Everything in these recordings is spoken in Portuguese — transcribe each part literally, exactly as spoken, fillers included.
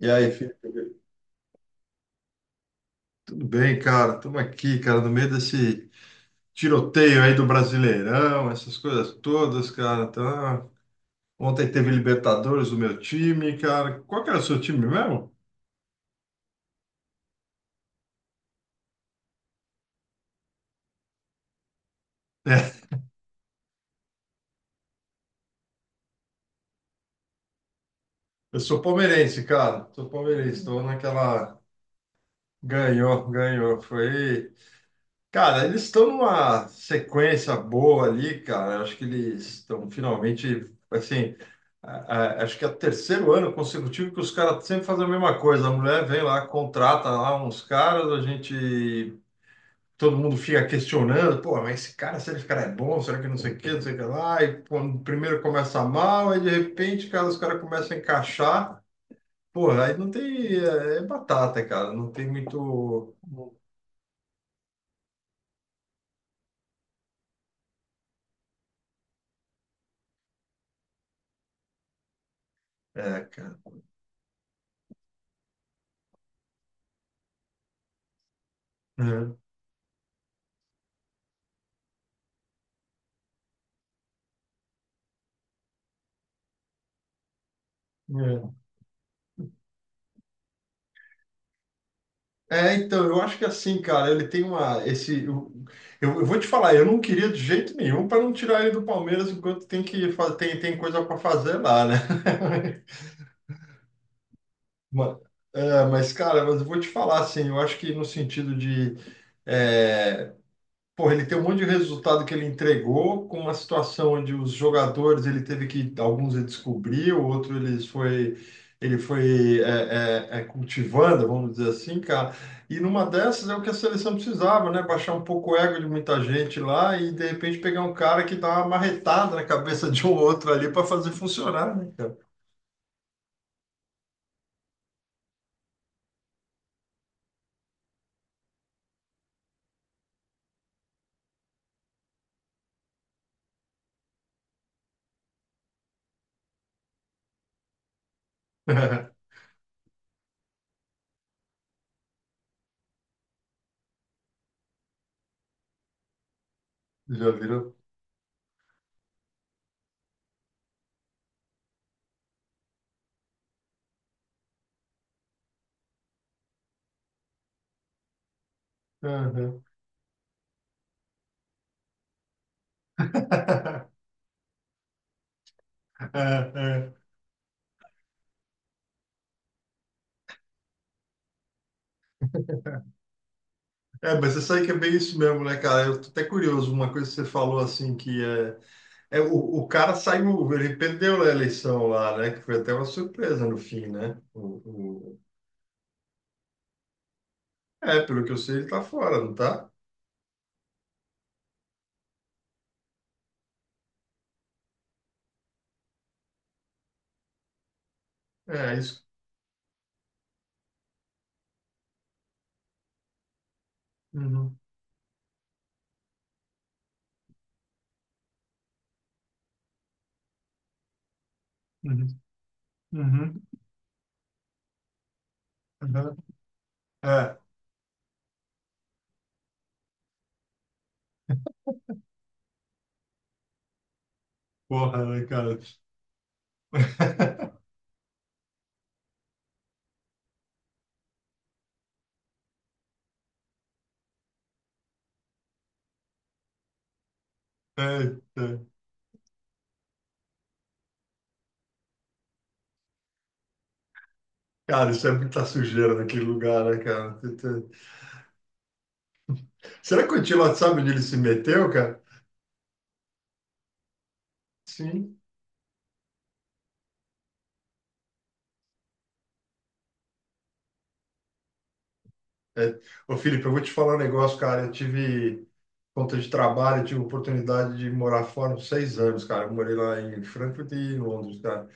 E aí, Felipe? Tudo bem, cara? Estamos aqui, cara, no meio desse tiroteio aí do Brasileirão, essas coisas todas, cara. Então, ontem teve Libertadores do meu time, cara. Qual que era o seu time mesmo? É, eu sou palmeirense, cara. Sou palmeirense. Estou naquela. Ganhou, ganhou. Foi. Cara, eles estão numa sequência boa ali, cara. Acho que eles estão finalmente, assim, a- a- acho que é o terceiro ano consecutivo que os caras sempre fazem a mesma coisa. A mulher vem lá, contrata lá uns caras, a gente, todo mundo fica questionando, pô, mas esse cara, será que esse cara é bom? Será que não sei o quê, não sei o que lá? E pô, primeiro começa mal, aí de repente, cara, os caras começam a encaixar. Porra, aí não tem, é, é batata, cara, não tem muito, é, cara. É, é. É, então, eu acho que é assim, cara, ele tem uma, esse, eu, eu, eu vou te falar, eu não queria de jeito nenhum para não tirar ele do Palmeiras enquanto tem que fa- tem, tem coisa para fazer lá, né? Ma- é, mas, cara, mas eu vou te falar assim, eu acho que no sentido de é, Porra, ele tem um monte de resultado que ele entregou, com uma situação onde os jogadores ele teve que, alguns ele descobriu, outro ele foi, ele foi é, é, é, cultivando, vamos dizer assim, cara. E numa dessas é o que a seleção precisava, né? Baixar um pouco o ego de muita gente lá e de repente pegar um cara que dá uma marretada na cabeça de um outro ali para fazer funcionar, né, cara? Já virou. Aham. É, é. É, mas você sabe que é bem isso mesmo, né, cara? Eu tô até curioso, uma coisa que você falou assim que é É, o, o cara saiu, ele perdeu a eleição lá, né? Que foi até uma surpresa no fim, né? O, o- É, pelo que eu sei, ele tá fora, não tá? É isso. Uhum, uhum, uhum, uhum. É, porra, né, cara? Eita. Cara, isso é muita sujeira naquele lugar, né, cara? Tu- tu- Será que o Antilote sabe onde ele se meteu, cara? Sim. É. Ô, Felipe, eu vou te falar um negócio, cara. Eu tive. Conta de trabalho, eu tive oportunidade de morar fora uns seis anos, cara. Eu morei lá em Frankfurt e em Londres, cara.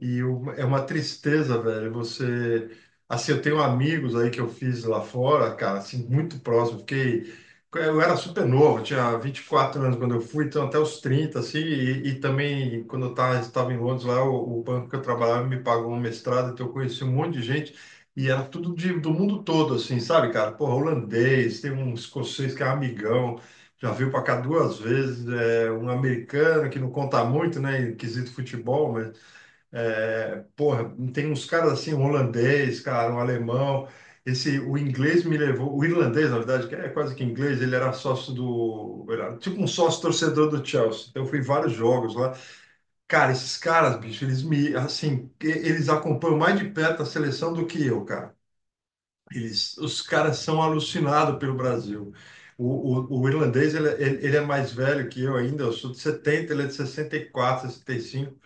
E uma- é uma tristeza, velho. Você. Assim, eu tenho amigos aí que eu fiz lá fora, cara, assim, muito próximo. Fiquei. Eu era super novo, eu tinha vinte e quatro anos quando eu fui, então até os trinta assim. E, e também, quando eu tava- estava em Londres lá, o, o banco que eu trabalhava me pagou um mestrado, então eu conheci um monte de gente. E era tudo de, do mundo todo, assim, sabe, cara? Porra, holandês, tem um escocês que é amigão, já veio para cá duas vezes, é, um americano que não conta muito, né, em quesito futebol, é, porra, tem uns caras assim, um holandês, cara, um alemão. Esse, o inglês me levou, o irlandês, na verdade, que é quase que inglês, ele era sócio do, era tipo um sócio torcedor do Chelsea. Então eu fui em vários jogos lá. Cara, esses caras, bicho, eles me, assim, e- eles acompanham mais de perto a seleção do que eu, cara. Eles, os caras são alucinados pelo Brasil. O, o, o irlandês, ele, é, ele ele é mais velho que eu ainda, eu sou de setenta, ele é de sessenta sessenta e quatro sessenta e cinco,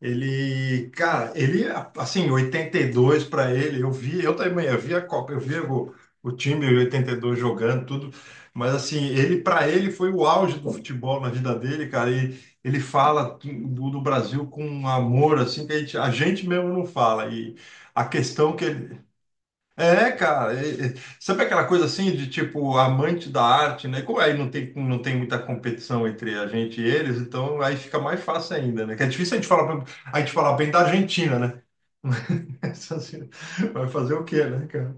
ele, cara, ele, assim, oitenta e dois para ele, eu vi, eu também, eu vi a Copa, eu vi o, o time em oitenta e dois jogando, tudo, mas assim, ele, para ele, foi o auge do futebol na vida dele, cara, e ele fala do, do Brasil com um amor, assim, que a gente, a gente mesmo não fala, e a questão que ele, é, cara, é- é- sabe aquela coisa assim de tipo amante da arte, né? Como aí não tem, não tem muita competição entre a gente e eles, então aí fica mais fácil ainda, né? Que é difícil a gente falar, pra- a gente falar bem da Argentina, né? Mas assim, vai fazer o quê, né, cara?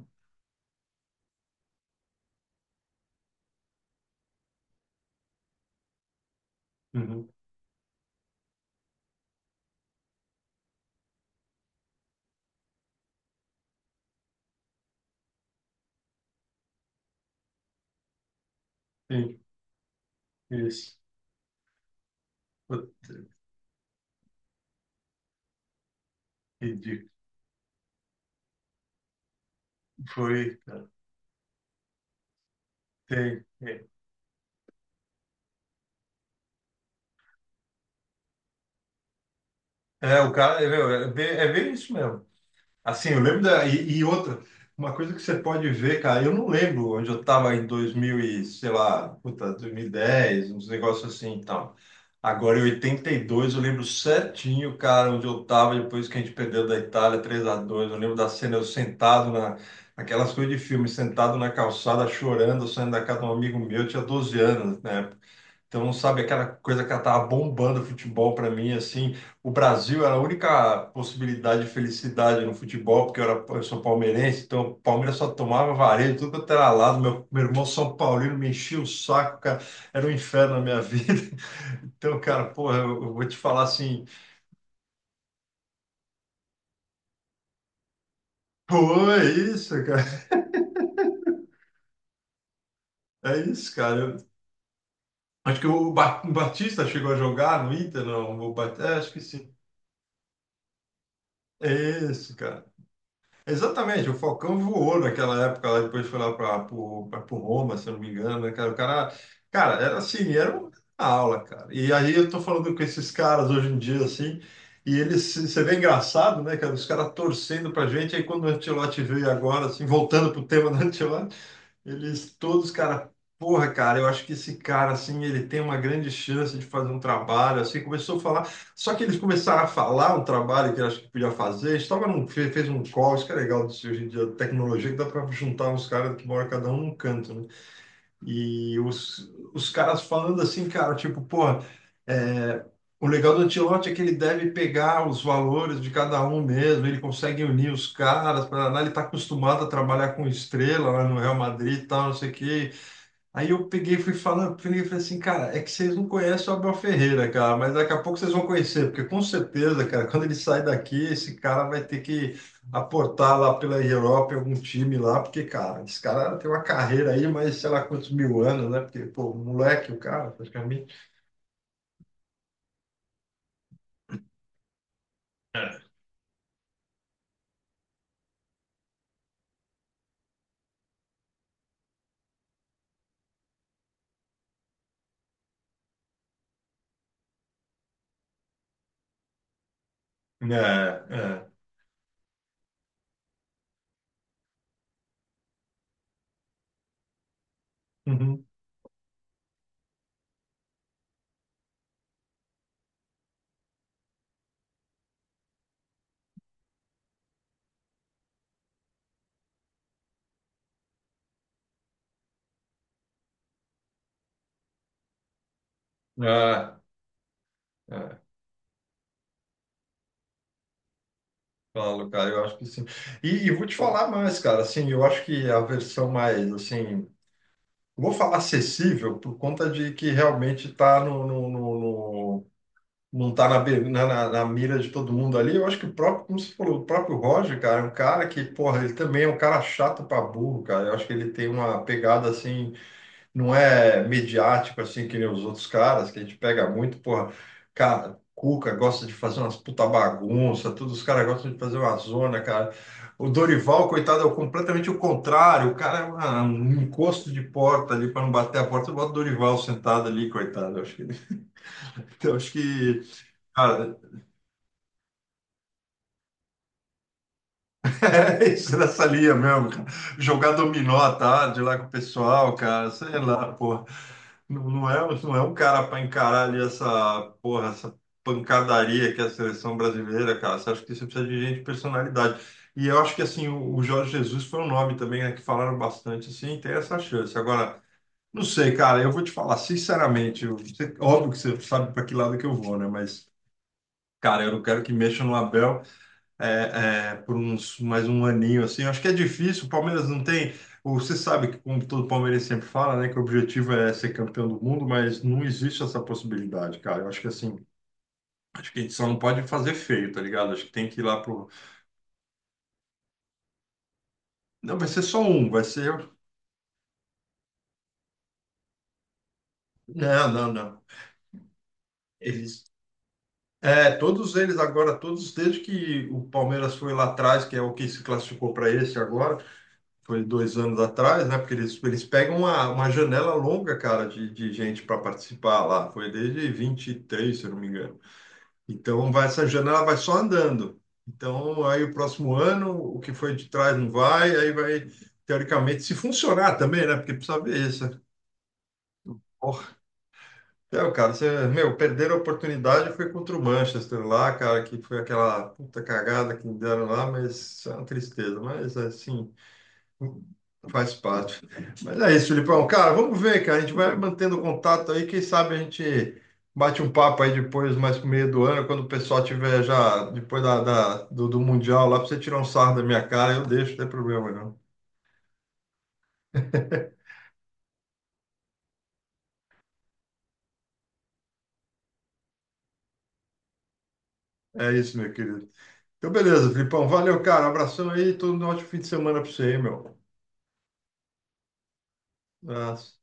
Uhum, sim, isso. Entendi. Foi. Tem. É, é, o cara, é, meu, é bem, é bem isso mesmo. Assim, eu lembro da. E, e outra, uma coisa que você pode ver, cara, eu não lembro onde eu estava em dois mil e, sei lá, puta, dois mil e dez, uns negócios assim e tal. Agora, em oitenta e dois eu lembro certinho, cara, onde eu estava depois que a gente perdeu da Itália três a dois. Eu lembro da cena, eu sentado na. Aquelas coisas de filme, sentado na calçada, chorando, saindo da casa de um amigo meu, eu tinha doze anos, né? Então, sabe, aquela coisa que ela tava bombando o futebol para mim, assim, o Brasil era a única possibilidade de felicidade no futebol, porque eu, era, eu sou palmeirense, então o Palmeiras só tomava vareio, tudo quanto era lado, meu, meu irmão São Paulino me enchia o saco, cara, era um inferno na minha vida. Então, cara, porra, eu, eu vou te falar assim, pô, é isso, cara, é isso, cara. Eu- acho que o Ba- o Batista chegou a jogar no Inter, não, o Batista, acho que sim, é isso, cara. Exatamente, o Falcão voou naquela época lá, depois foi lá para o Roma, se eu não me engano, né, cara? O cara, cara, era assim, era uma aula, cara. E aí eu tô falando com esses caras hoje em dia, assim, e eles, você vê engraçado, né, cara? Os caras torcendo pra gente, aí quando o Ancelotti veio agora, assim, voltando pro tema do Ancelotti, eles todos, cara, porra, cara, eu acho que esse cara, assim, ele tem uma grande chance de fazer um trabalho, assim, começou a falar, só que eles começaram a falar um trabalho que eu acho que podia fazer, estava num, fe- fez um call, isso que é legal disso hoje em dia, tecnologia, que dá para juntar uns caras que moram cada um num canto, né? E os, os caras falando assim, cara, tipo, pô é, O legal do Ancelotti é que ele deve pegar os valores de cada um mesmo, ele consegue unir os caras, pra, lá ele está acostumado a trabalhar com estrela lá no Real Madrid e tal, não sei o quê. Aí eu peguei e fui falando, peguei e falei assim, cara, é que vocês não conhecem o Abel Ferreira, cara, mas daqui a pouco vocês vão conhecer, porque com certeza, cara, quando ele sai daqui, esse cara vai ter que aportar lá pela Europa em algum time lá, porque, cara, esse cara tem uma carreira aí, mas sei lá quantos mil anos, né? Porque, pô, moleque o cara, praticamente. É, é. Uhum. É, é, claro, cara, eu acho que sim. E, e vou te falar mais, cara, assim, eu acho que a versão mais, assim, vou falar acessível por conta de que realmente tá no, no, no- no- não tá na, be- na, na- na mira de todo mundo ali. Eu acho que o próprio, como você falou, o próprio Roger, cara, é um cara que, porra, ele também é um cara chato pra burro, cara. Eu acho que ele tem uma pegada, assim, não é mediático assim que nem os outros caras, que a gente pega muito, porra, cara, Cuca gosta de fazer umas puta bagunça, todos os caras gostam de fazer uma zona, cara. O Dorival, coitado, é o- completamente o contrário, o cara é uma- um encosto de porta ali para não bater a porta, bota o Dorival sentado ali, coitado. Eu acho que, eu acho que, cara, É isso nessa linha mesmo, cara. Jogar dominó à tarde lá com o pessoal, cara, sei lá, porra. Não, não é, não é um cara para encarar ali essa, porra, essa pancadaria que é a seleção brasileira, cara. Você acha que você precisa de gente de personalidade. E eu acho que, assim, o, o Jorge Jesus foi um nome também, né, que falaram bastante, assim, tem essa chance. Agora, não sei, cara, eu vou te falar, sinceramente, eu- você- óbvio que você sabe para que lado que eu vou, né? Mas, cara, eu não quero que mexa no Abel é, é, por uns mais um aninho assim. Eu acho que é difícil. O Palmeiras não tem. o- Você sabe que, como todo palmeirense sempre fala, né, que o objetivo é ser campeão do mundo, mas não existe essa possibilidade, cara. Eu acho que assim, acho que a gente só não pode fazer feio, tá ligado? Acho que tem que ir lá pro. Não, vai ser só um, vai ser. Não, não, não. Eles. É, todos eles agora, todos desde que o Palmeiras foi lá atrás, que é o que se classificou para esse agora, foi dois anos atrás, né? Porque eles, eles pegam uma, uma janela longa, cara, de, de gente para participar lá. Foi desde vinte e três, se eu não me engano. Então, vai, essa janela vai só andando. Então, aí o próximo ano, o que foi de trás não vai, aí vai, teoricamente, se funcionar também, né? Porque precisa ver isso. Porra, é, cara, você, meu, perderam a oportunidade foi contra o Manchester lá, cara, que foi aquela puta cagada que me deram lá, mas é uma tristeza. Mas, assim, faz parte. Mas é isso, Filipão. Cara, vamos ver, cara. A gente vai mantendo contato aí. Quem sabe a gente bate um papo aí depois, mais pro meio do ano, quando o pessoal tiver já, depois da, da- do, do Mundial lá, pra você tirar um sarro da minha cara, eu deixo, não tem problema não. É isso, meu querido. Então, beleza, Filipão. Valeu, cara. Abração aí. Todo um ótimo fim de semana pra você aí, meu. Abraço.